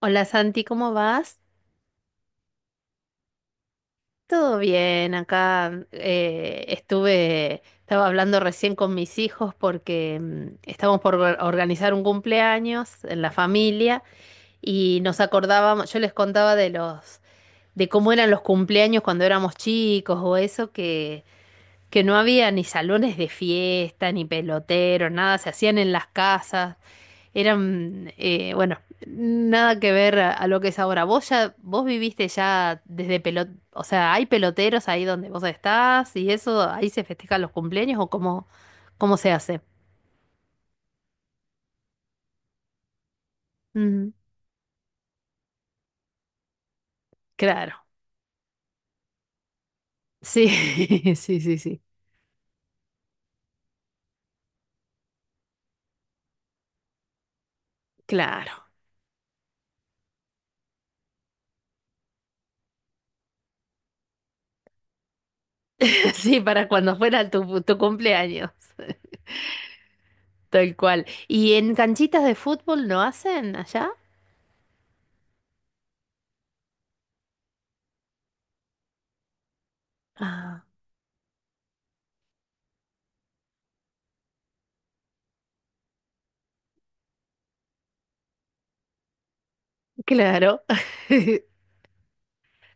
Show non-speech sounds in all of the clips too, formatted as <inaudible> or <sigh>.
Hola Santi, ¿cómo vas? Todo bien, acá estaba hablando recién con mis hijos porque estamos por organizar un cumpleaños en la familia y nos acordábamos, yo les contaba de los, de cómo eran los cumpleaños cuando éramos chicos o eso, que no había ni salones de fiesta, ni peloteros, nada, se hacían en las casas. Eran, bueno, nada que ver a lo que es ahora. Vos viviste ya desde o sea, ¿hay peloteros ahí donde vos estás y eso, ahí se festejan los cumpleaños o cómo se hace? Mm, claro, sí, <laughs> sí, sí, sí, claro. <laughs> Sí, para cuando fuera tu cumpleaños, tal cual. ¿Y en canchitas de fútbol no hacen allá? Ah, claro. <laughs>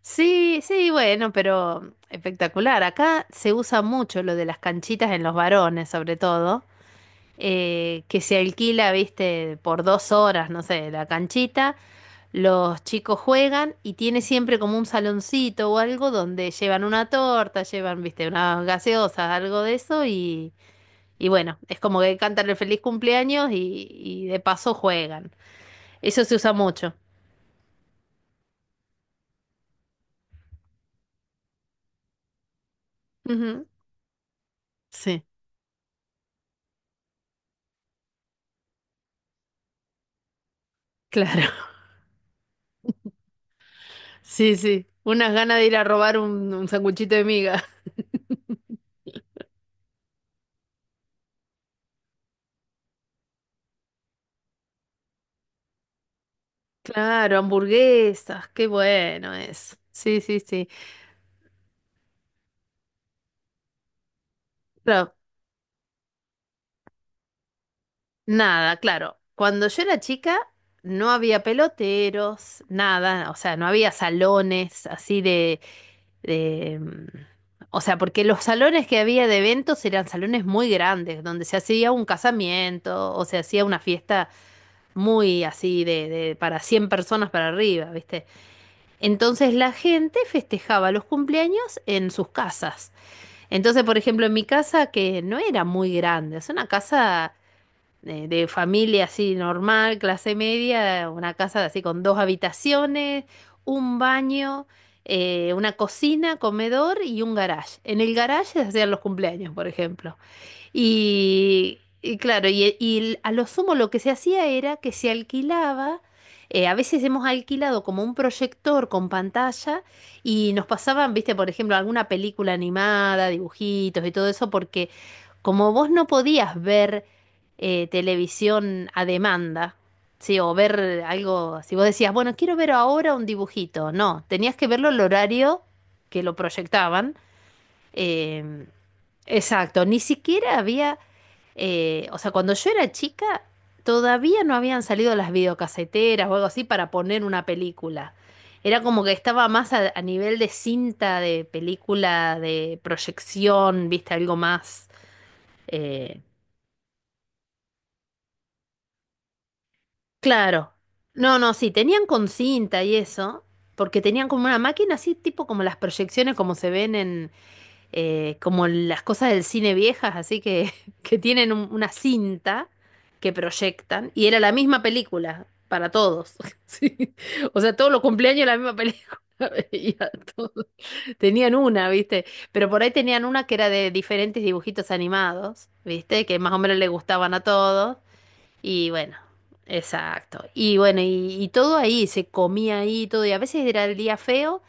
Sí, sí, bueno, pero espectacular. Acá se usa mucho lo de las canchitas en los varones, sobre todo, que se alquila, viste, por 2 horas, no sé, la canchita, los chicos juegan y tiene siempre como un saloncito o algo donde llevan una torta, llevan, viste, unas gaseosas, algo de eso y bueno, es como que cantan el feliz cumpleaños y de paso juegan. Eso se usa mucho. Ujú, sí, <laughs> claro. Sí, sí. Unas ganas de ir a robar un sanguchito de miga. <laughs> Claro, hamburguesas, qué bueno es. Sí, sí, sí. Pero nada, claro. Cuando yo era chica no había peloteros, nada, o sea, no había salones así de, o sea, porque los salones que había de eventos eran salones muy grandes, donde se hacía un casamiento o se hacía una fiesta muy así de, para 100 personas para arriba, ¿viste? Entonces la gente festejaba los cumpleaños en sus casas. Entonces, por ejemplo, en mi casa, que no era muy grande, es una casa de familia así normal, clase media, una casa así con dos habitaciones, un baño, una cocina, comedor y un garage. En el garage se hacían los cumpleaños, por ejemplo. Y claro, y a lo sumo lo que se hacía era que se alquilaba, a veces hemos alquilado como un proyector con pantalla y nos pasaban, viste, por ejemplo, alguna película animada, dibujitos y todo eso, porque como vos no podías ver televisión a demanda, ¿sí? O ver algo, si vos decías, bueno, quiero ver ahora un dibujito, no, tenías que verlo al horario que lo proyectaban. em, Exacto, ni siquiera había, o sea, cuando yo era chica, todavía no habían salido las videocaseteras o algo así para poner una película. Era como que estaba más a nivel de cinta, de película, de proyección, viste, algo más. eh, claro. No, no, sí, tenían con cinta y eso, porque tenían como una máquina así, tipo como las proyecciones como se ven en, como las cosas del cine viejas, así que, <laughs> que tienen una cinta que proyectan, y era la misma película para todos. <laughs> Sí. O sea, todos los cumpleaños la misma película. <laughs> Veía todos. Tenían una, ¿viste? Pero por ahí tenían una que era de diferentes dibujitos animados, ¿viste? Que más o menos le gustaban a todos. Y bueno, exacto. Y bueno, y todo ahí, se comía ahí, y todo. Y a veces era el día feo,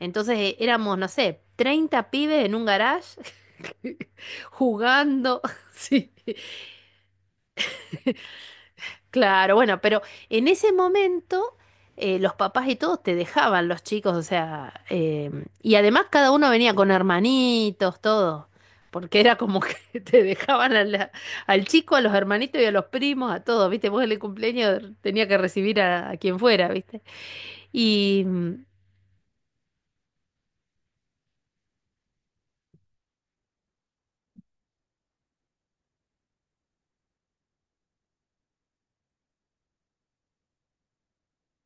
entonces éramos, no sé, 30 pibes en un garage <laughs> jugando, <laughs> sí. Claro, bueno, pero en ese momento los papás y todos te dejaban los chicos, o sea, y además cada uno venía con hermanitos, todo, porque era como que <laughs> te dejaban a al chico, a los hermanitos y a los primos, a todos, ¿viste? Vos en el cumpleaños tenía que recibir a quien fuera, ¿viste? Y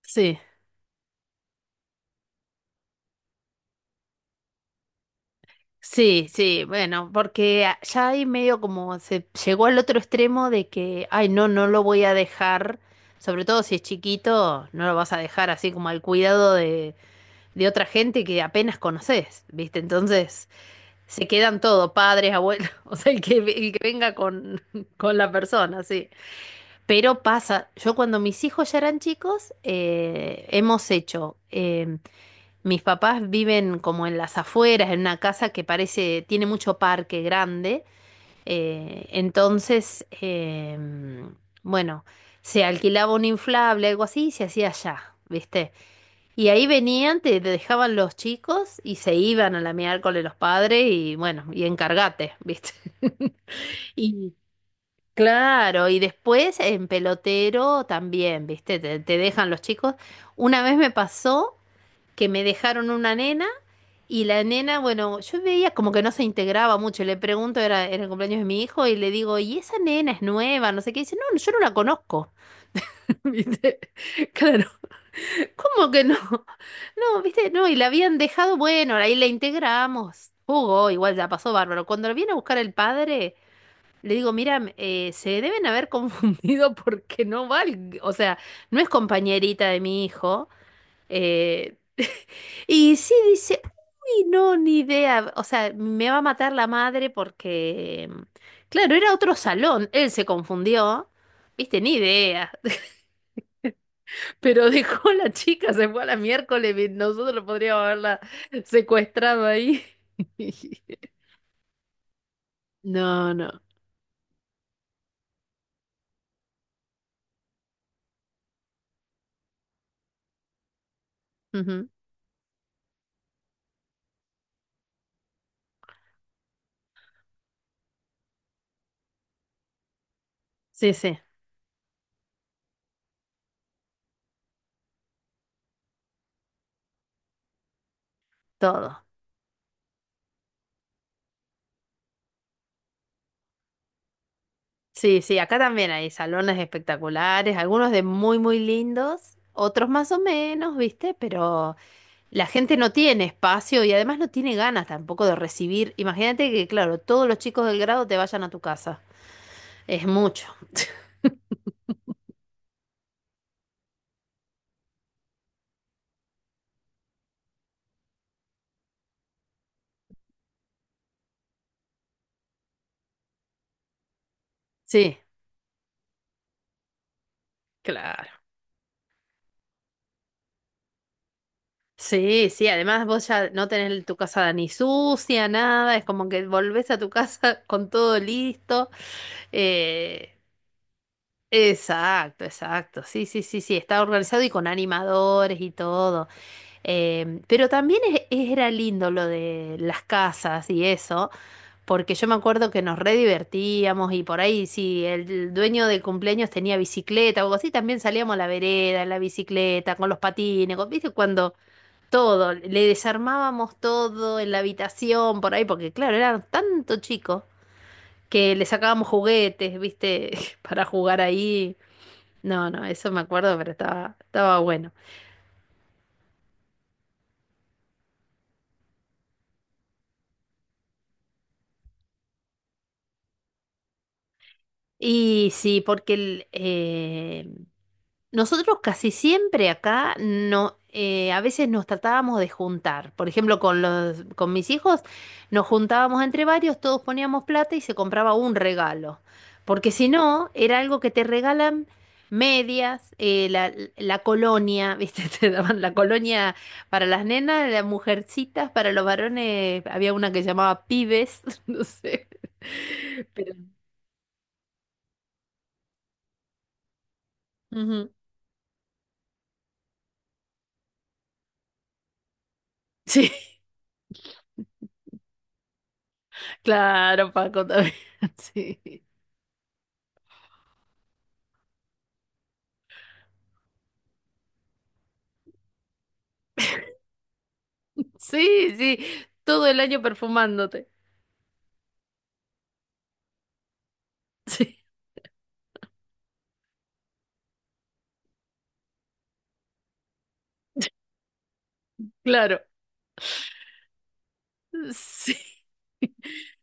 sí. Sí, sí, bueno, porque ya ahí medio como se llegó al otro extremo de que, ay, no, no lo voy a dejar, sobre todo si es chiquito, no lo vas a dejar así como al cuidado de, otra gente que apenas conoces, ¿viste? Entonces se quedan todo, padres, abuelos, <laughs> o sea, el que venga con, <laughs> con la persona, sí. Pero pasa, yo cuando mis hijos ya eran chicos, hemos hecho mis papás viven como en las afueras, en una casa que parece, tiene mucho parque grande. Entonces, bueno, se alquilaba un inflable, algo así, y se hacía allá, ¿viste? Y ahí venían, te dejaban los chicos y se iban a la miércoles los padres y bueno, y encargate, ¿viste? <laughs> Y claro, y después en pelotero también, ¿viste? Te dejan los chicos. Una vez me pasó que me dejaron una nena y la nena, bueno, yo veía como que no se integraba mucho. Le pregunto, era en el cumpleaños de mi hijo, y le digo, ¿y esa nena es nueva? No sé qué. Y dice, no, no, yo no la conozco. <laughs> ¿Viste? Claro, ¿cómo que no? No, ¿viste? No, y la habían dejado, bueno, ahí la integramos. Jugó, igual ya pasó bárbaro. Cuando la viene a buscar el padre, le digo, mira, se deben haber <laughs> confundido porque no va, o sea, no es compañerita de mi hijo. Eh, y sí dice, uy, no, ni idea. O sea, me va a matar la madre porque, claro, era otro salón. Él se confundió. Viste, ni idea. <laughs> Pero dejó a la chica, se fue a la miércoles. Y nosotros podríamos haberla secuestrado ahí. <laughs> No, no. Ujú. Sí, sí, todo. Sí, sí, acá también hay salones espectaculares, algunos de muy, muy lindos, otros más o menos, ¿viste? Pero la gente no tiene espacio y además no tiene ganas tampoco de recibir. Imagínate que, claro, todos los chicos del grado te vayan a tu casa. Es mucho. <laughs> Sí, claro. Sí, sí. Además vos ya no tenés tu casa ni sucia, nada. Es como que volvés a tu casa <laughs> con todo listo. Eh, exacto, exacto. Sí, sí, sí, sí. Está organizado y con animadores y todo. Pero también era lindo lo de las casas y eso. Porque yo me acuerdo que nos re divertíamos y por ahí, si el dueño del cumpleaños tenía bicicleta o algo así, también salíamos a la vereda, en la bicicleta, con los patines, ¿viste? Cuando todo, le desarmábamos todo en la habitación, por ahí, porque claro, eran tanto chicos que le sacábamos juguetes, ¿viste? <laughs> Para jugar ahí. No, no, eso me acuerdo, pero estaba bueno. Y sí, porque nosotros casi siempre acá no, a veces nos tratábamos de juntar. Por ejemplo, con mis hijos nos juntábamos entre varios, todos poníamos plata y se compraba un regalo. Porque si no, era algo que te regalan medias, la colonia, <laughs> ¿viste? Te daban la colonia para las nenas, las mujercitas, para los varones, había una que llamaba pibes, <laughs> no sé. Pero, ujú. Sí, <laughs> claro, Paco también. <laughs> Sí. Sí, sí, todo el año perfumándote. <laughs> Sí, claro. Sí.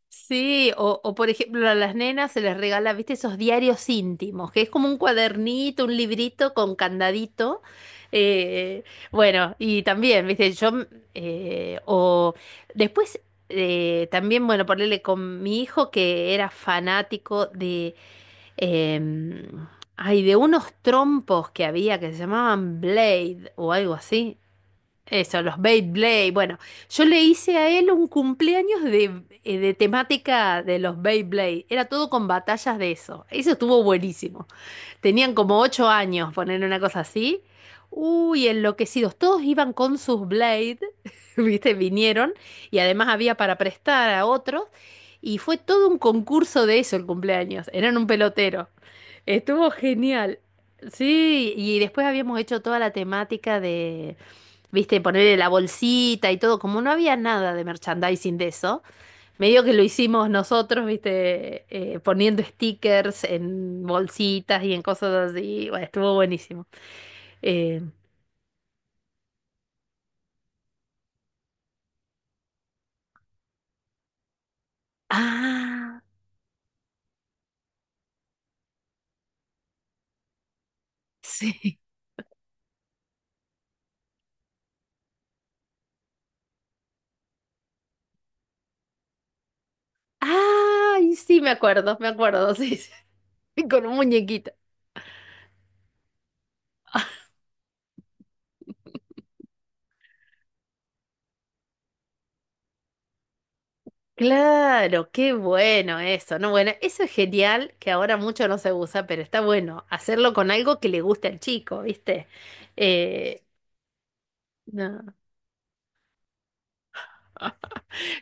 Sí, o por ejemplo a las nenas se les regala, viste, esos diarios íntimos, que es como un cuadernito, un librito con candadito. eh, bueno, y también, viste, yo, o después, también, bueno, ponerle con mi hijo que era fanático Eh, de unos trompos que había que se llamaban Blade o algo así. Eso, los Beyblade. Bueno, yo le hice a él un cumpleaños de temática de los Beyblade. Era todo con batallas de eso. Eso estuvo buenísimo. Tenían como 8 años, poner una cosa así. Uy, enloquecidos. Todos iban con sus Blade, <laughs> ¿viste? Vinieron y además había para prestar a otros. Y fue todo un concurso de eso el cumpleaños. Eran un pelotero. Estuvo genial. Sí, y después habíamos hecho toda la temática de, viste, ponerle la bolsita y todo. Como no había nada de merchandising de eso, medio que lo hicimos nosotros, viste, poniendo stickers en bolsitas y en cosas así. Bueno, estuvo buenísimo. Eh, ah, sí. Ay, sí, me acuerdo, sí, sí. <laughs> Con un muñequito. Claro, qué bueno eso, ¿no? Bueno, eso es genial, que ahora mucho no se usa, pero está bueno hacerlo con algo que le guste al chico, ¿viste? Eh, no.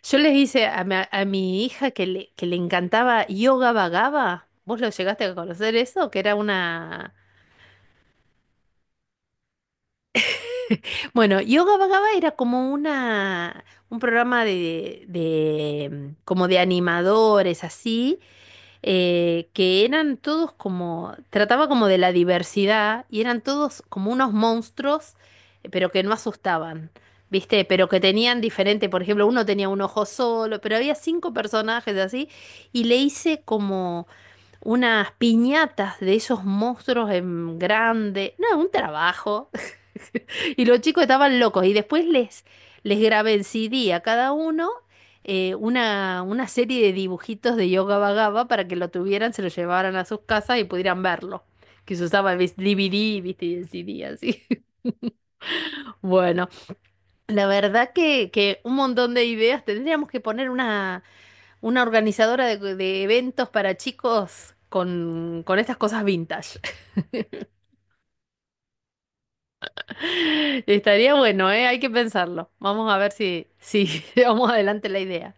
Yo les hice a mi, hija que le encantaba Yoga Vagaba. ¿Vos lo llegaste a conocer eso? Que era una, bueno, Yoga Vagaba era como una, un programa de, como de animadores, así, que eran todos como, trataba como de la diversidad y eran todos como unos monstruos, pero que no asustaban, ¿viste? Pero que tenían diferente, por ejemplo, uno tenía un ojo solo, pero había cinco personajes así y le hice como unas piñatas de esos monstruos en grande, no, un trabajo. <laughs> Y los chicos estaban locos. Y después les grabé en CD a cada uno una serie de dibujitos de Yoga Vagaba para que lo tuvieran, se lo llevaran a sus casas y pudieran verlo. Que se usaba el DVD, viste, y el CD así. <laughs> Bueno, la verdad que, un montón de ideas. Tendríamos que poner una organizadora de eventos para chicos con estas cosas vintage. <laughs> Estaría bueno, ¿eh? Hay que pensarlo. Vamos a ver si <laughs> llevamos adelante la idea.